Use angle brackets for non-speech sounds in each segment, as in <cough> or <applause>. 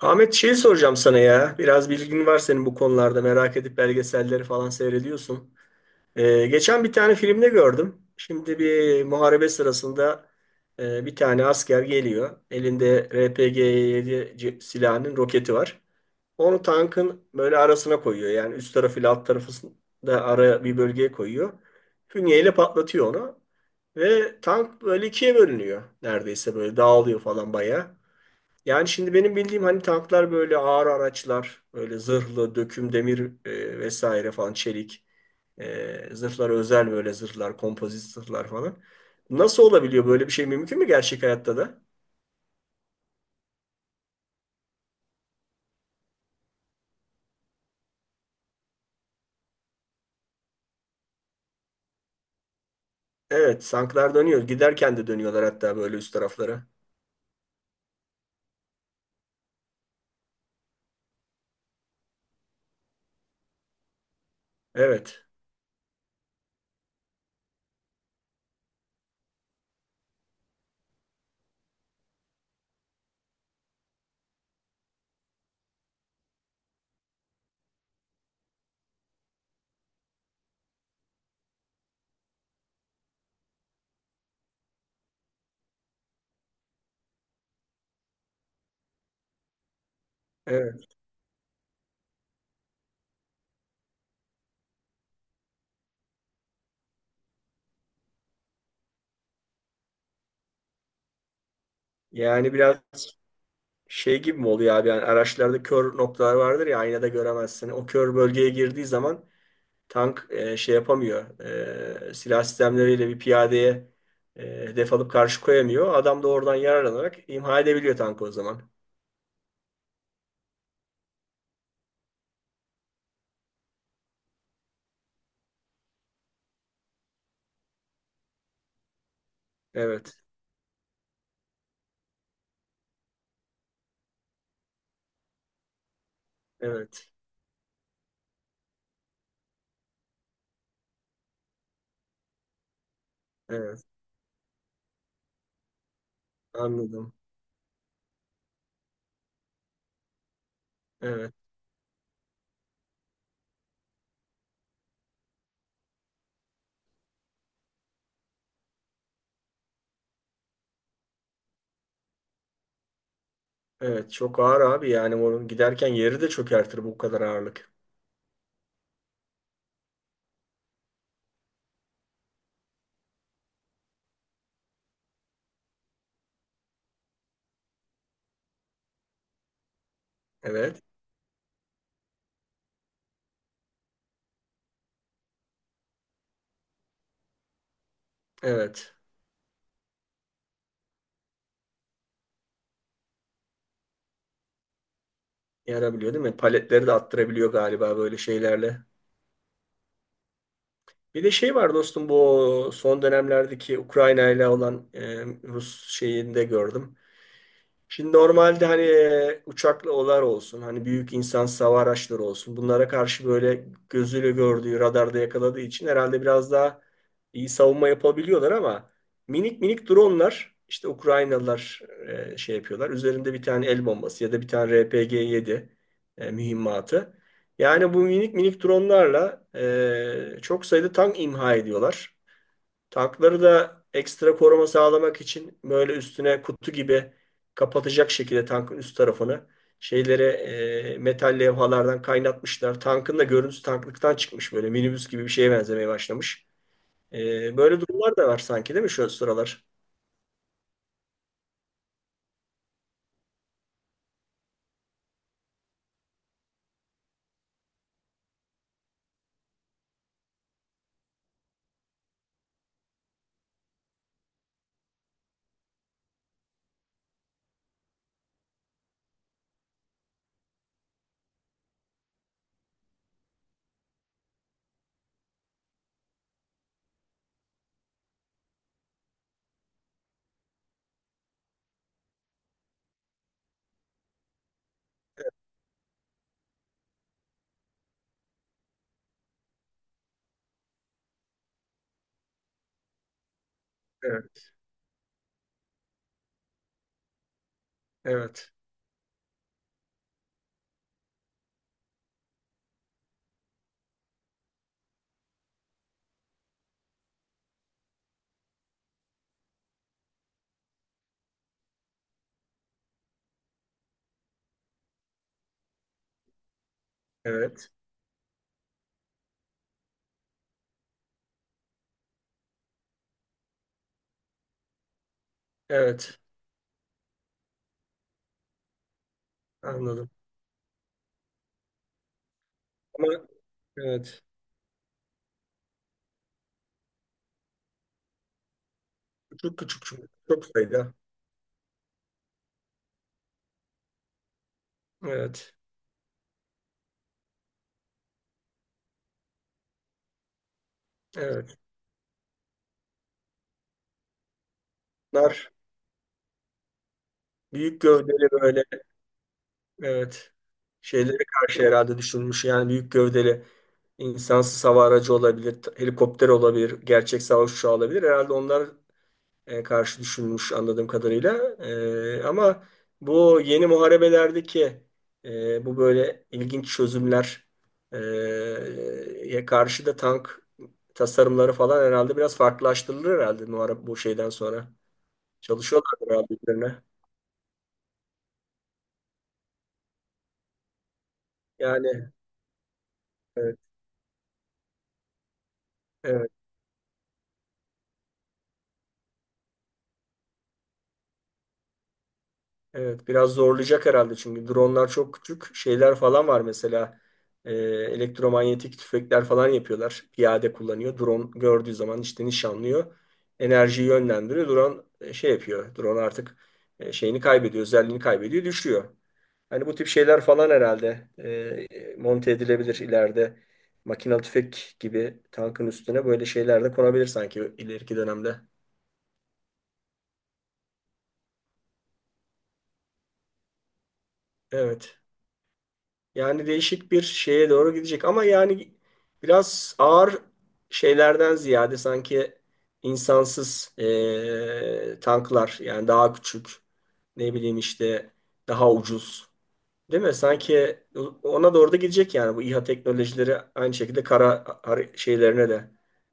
Ahmet şeyi soracağım sana ya. Biraz bilgin var senin bu konularda. Merak edip belgeselleri falan seyrediyorsun. Geçen bir tane filmde gördüm. Şimdi bir muharebe sırasında bir tane asker geliyor. Elinde RPG-7 silahının roketi var. Onu tankın böyle arasına koyuyor. Yani üst tarafı ile alt tarafını da ara bir bölgeye koyuyor. Fünyeyle patlatıyor onu. Ve tank böyle ikiye bölünüyor. Neredeyse böyle dağılıyor falan bayağı. Yani şimdi benim bildiğim hani tanklar böyle ağır araçlar, böyle zırhlı, döküm demir vesaire falan çelik zırhlar özel böyle zırhlar, kompozit zırhlar falan. Nasıl olabiliyor böyle bir şey mümkün mü gerçek hayatta da? Evet, tanklar dönüyor. Giderken de dönüyorlar hatta böyle üst taraflara. Evet. Evet. Yani biraz şey gibi mi oluyor abi? Yani araçlarda kör noktalar vardır ya aynada göremezsin. O kör bölgeye girdiği zaman tank şey yapamıyor. Silah sistemleriyle bir piyadeye e, hedef alıp karşı koyamıyor. Adam da oradan yararlanarak imha edebiliyor tankı o zaman. Evet, evet, evet. Anladım. Evet, evet. Çok ağır abi yani onun giderken yeri de çökertir bu kadar ağırlık. Evet, evet. Yarabiliyor değil mi? Paletleri de attırabiliyor galiba böyle şeylerle. Bir de şey var dostum bu son dönemlerdeki Ukrayna ile olan Rus şeyinde gördüm. Şimdi normalde hani uçaklı olar olsun, hani büyük insansız hava araçları olsun. Bunlara karşı böyle gözüyle gördüğü, radarda yakaladığı için herhalde biraz daha iyi savunma yapabiliyorlar ama minik minik dronlar işte Ukraynalılar şey yapıyorlar. Üzerinde bir tane el bombası ya da bir tane RPG-7 mühimmatı. Yani bu minik minik dronlarla çok sayıda tank imha ediyorlar. Tankları da ekstra koruma sağlamak için böyle üstüne kutu gibi kapatacak şekilde tankın üst tarafını şeyleri metal levhalardan kaynatmışlar. Tankın da görüntüsü tanklıktan çıkmış böyle minibüs gibi bir şeye benzemeye başlamış. Böyle durumlar da var sanki değil mi şu sıralar? Evet, evet, evet, evet. Anladım. Ama evet, küçük küçük çok sayıda. Evet, evet. Bunlar büyük gövdeli böyle, evet, şeylere karşı herhalde düşünmüş yani büyük gövdeli insansız hava aracı olabilir, helikopter olabilir, gerçek savaş uçağı olabilir. Herhalde onlar karşı düşünmüş anladığım kadarıyla. Ama bu yeni muharebelerdeki bu böyle ilginç çözümler e, ya karşı da tank tasarımları falan herhalde biraz farklılaştırılır herhalde muharebe bu şeyden sonra. Çalışıyorlar herhalde üzerine. Yani evet. Evet. Evet, biraz zorlayacak herhalde çünkü dronlar çok küçük şeyler falan var mesela. Elektromanyetik tüfekler falan yapıyorlar. Piyade kullanıyor. Drone gördüğü zaman işte nişanlıyor. Enerjiyi yönlendiriyor. Drone şey yapıyor. Drone artık şeyini kaybediyor, özelliğini kaybediyor, düşüyor. Hani bu tip şeyler falan herhalde monte edilebilir ileride. Makinalı tüfek gibi tankın üstüne böyle şeyler de konabilir sanki ileriki dönemde. Evet. Yani değişik bir şeye doğru gidecek ama yani biraz ağır şeylerden ziyade sanki insansız tanklar yani daha küçük, ne bileyim işte, daha ucuz değil mi? Sanki ona doğru da gidecek yani bu İHA teknolojileri aynı şekilde kara şeylerine de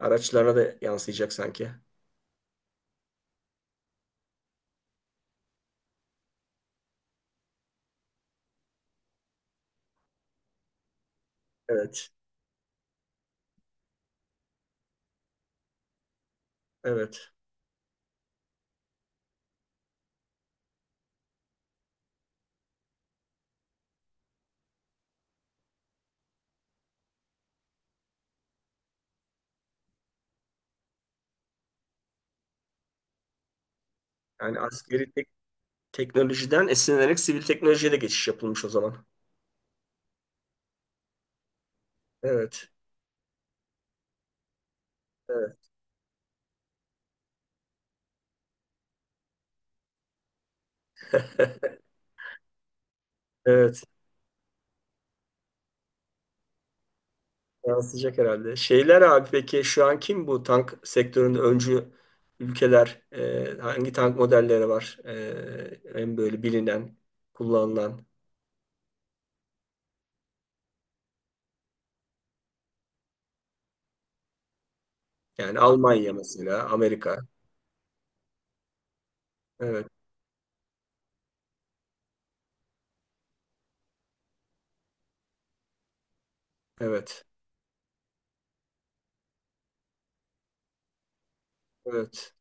araçlarına da yansıyacak sanki. Evet, evet. Yani askeri teknolojiden esinlenerek sivil teknolojiye de geçiş yapılmış o zaman. Evet, evet. <laughs> Evet. Yansıyacak herhalde. Şeyler abi peki şu an kim bu tank sektöründe öncü ülkeler? Hangi tank modelleri var? En böyle bilinen, kullanılan. Yani Almanya mesela, Amerika. Evet, evet, evet,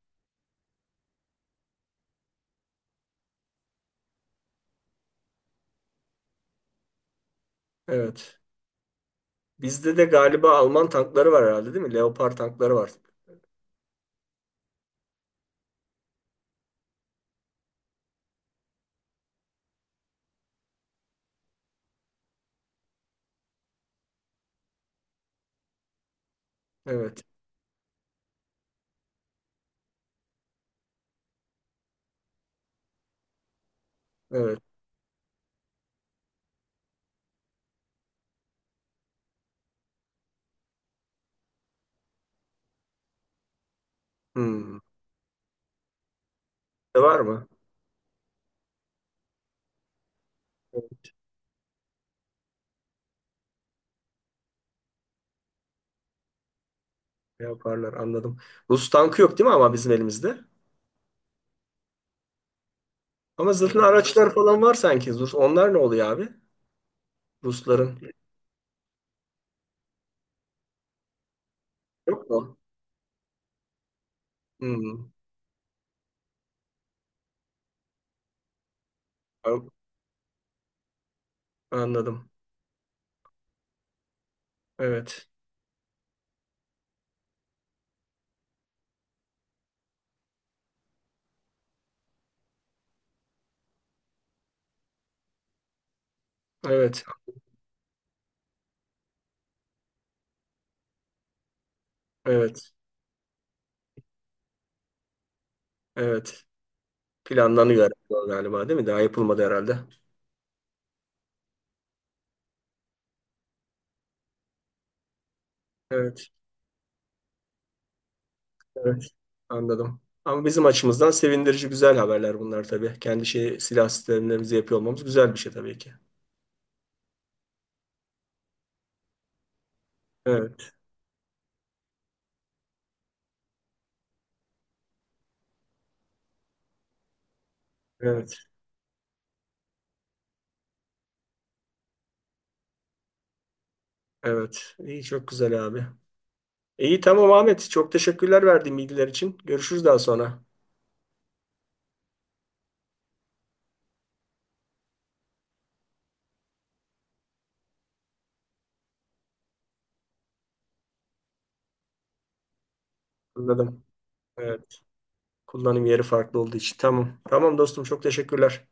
evet. Bizde de galiba Alman tankları var herhalde değil mi? Leopard tankları var. Evet, evet. Hmm. De var mı? Evet, Leopardlar, anladım. Rus tankı yok değil mi ama bizim elimizde? Ama zırhlı araçlar falan var sanki. Rus, onlar ne oluyor abi? Rusların. Yok mu? Hmm, an- anladım. Evet. Evet. Evet. Evet. Planlanıyor herhalde galiba değil mi? Daha yapılmadı herhalde. Evet. Evet. Anladım. Ama bizim açımızdan sevindirici güzel haberler bunlar tabii. Kendi şey, silah sistemlerimizi yapıyor olmamız güzel bir şey tabii ki. Evet. Evet. Evet. İyi çok güzel abi. İyi tamam Ahmet. Çok teşekkürler verdiğin bilgiler için. Görüşürüz daha sonra. Anladım. Evet. Kullanım yeri farklı olduğu için. Tamam. Tamam dostum çok teşekkürler.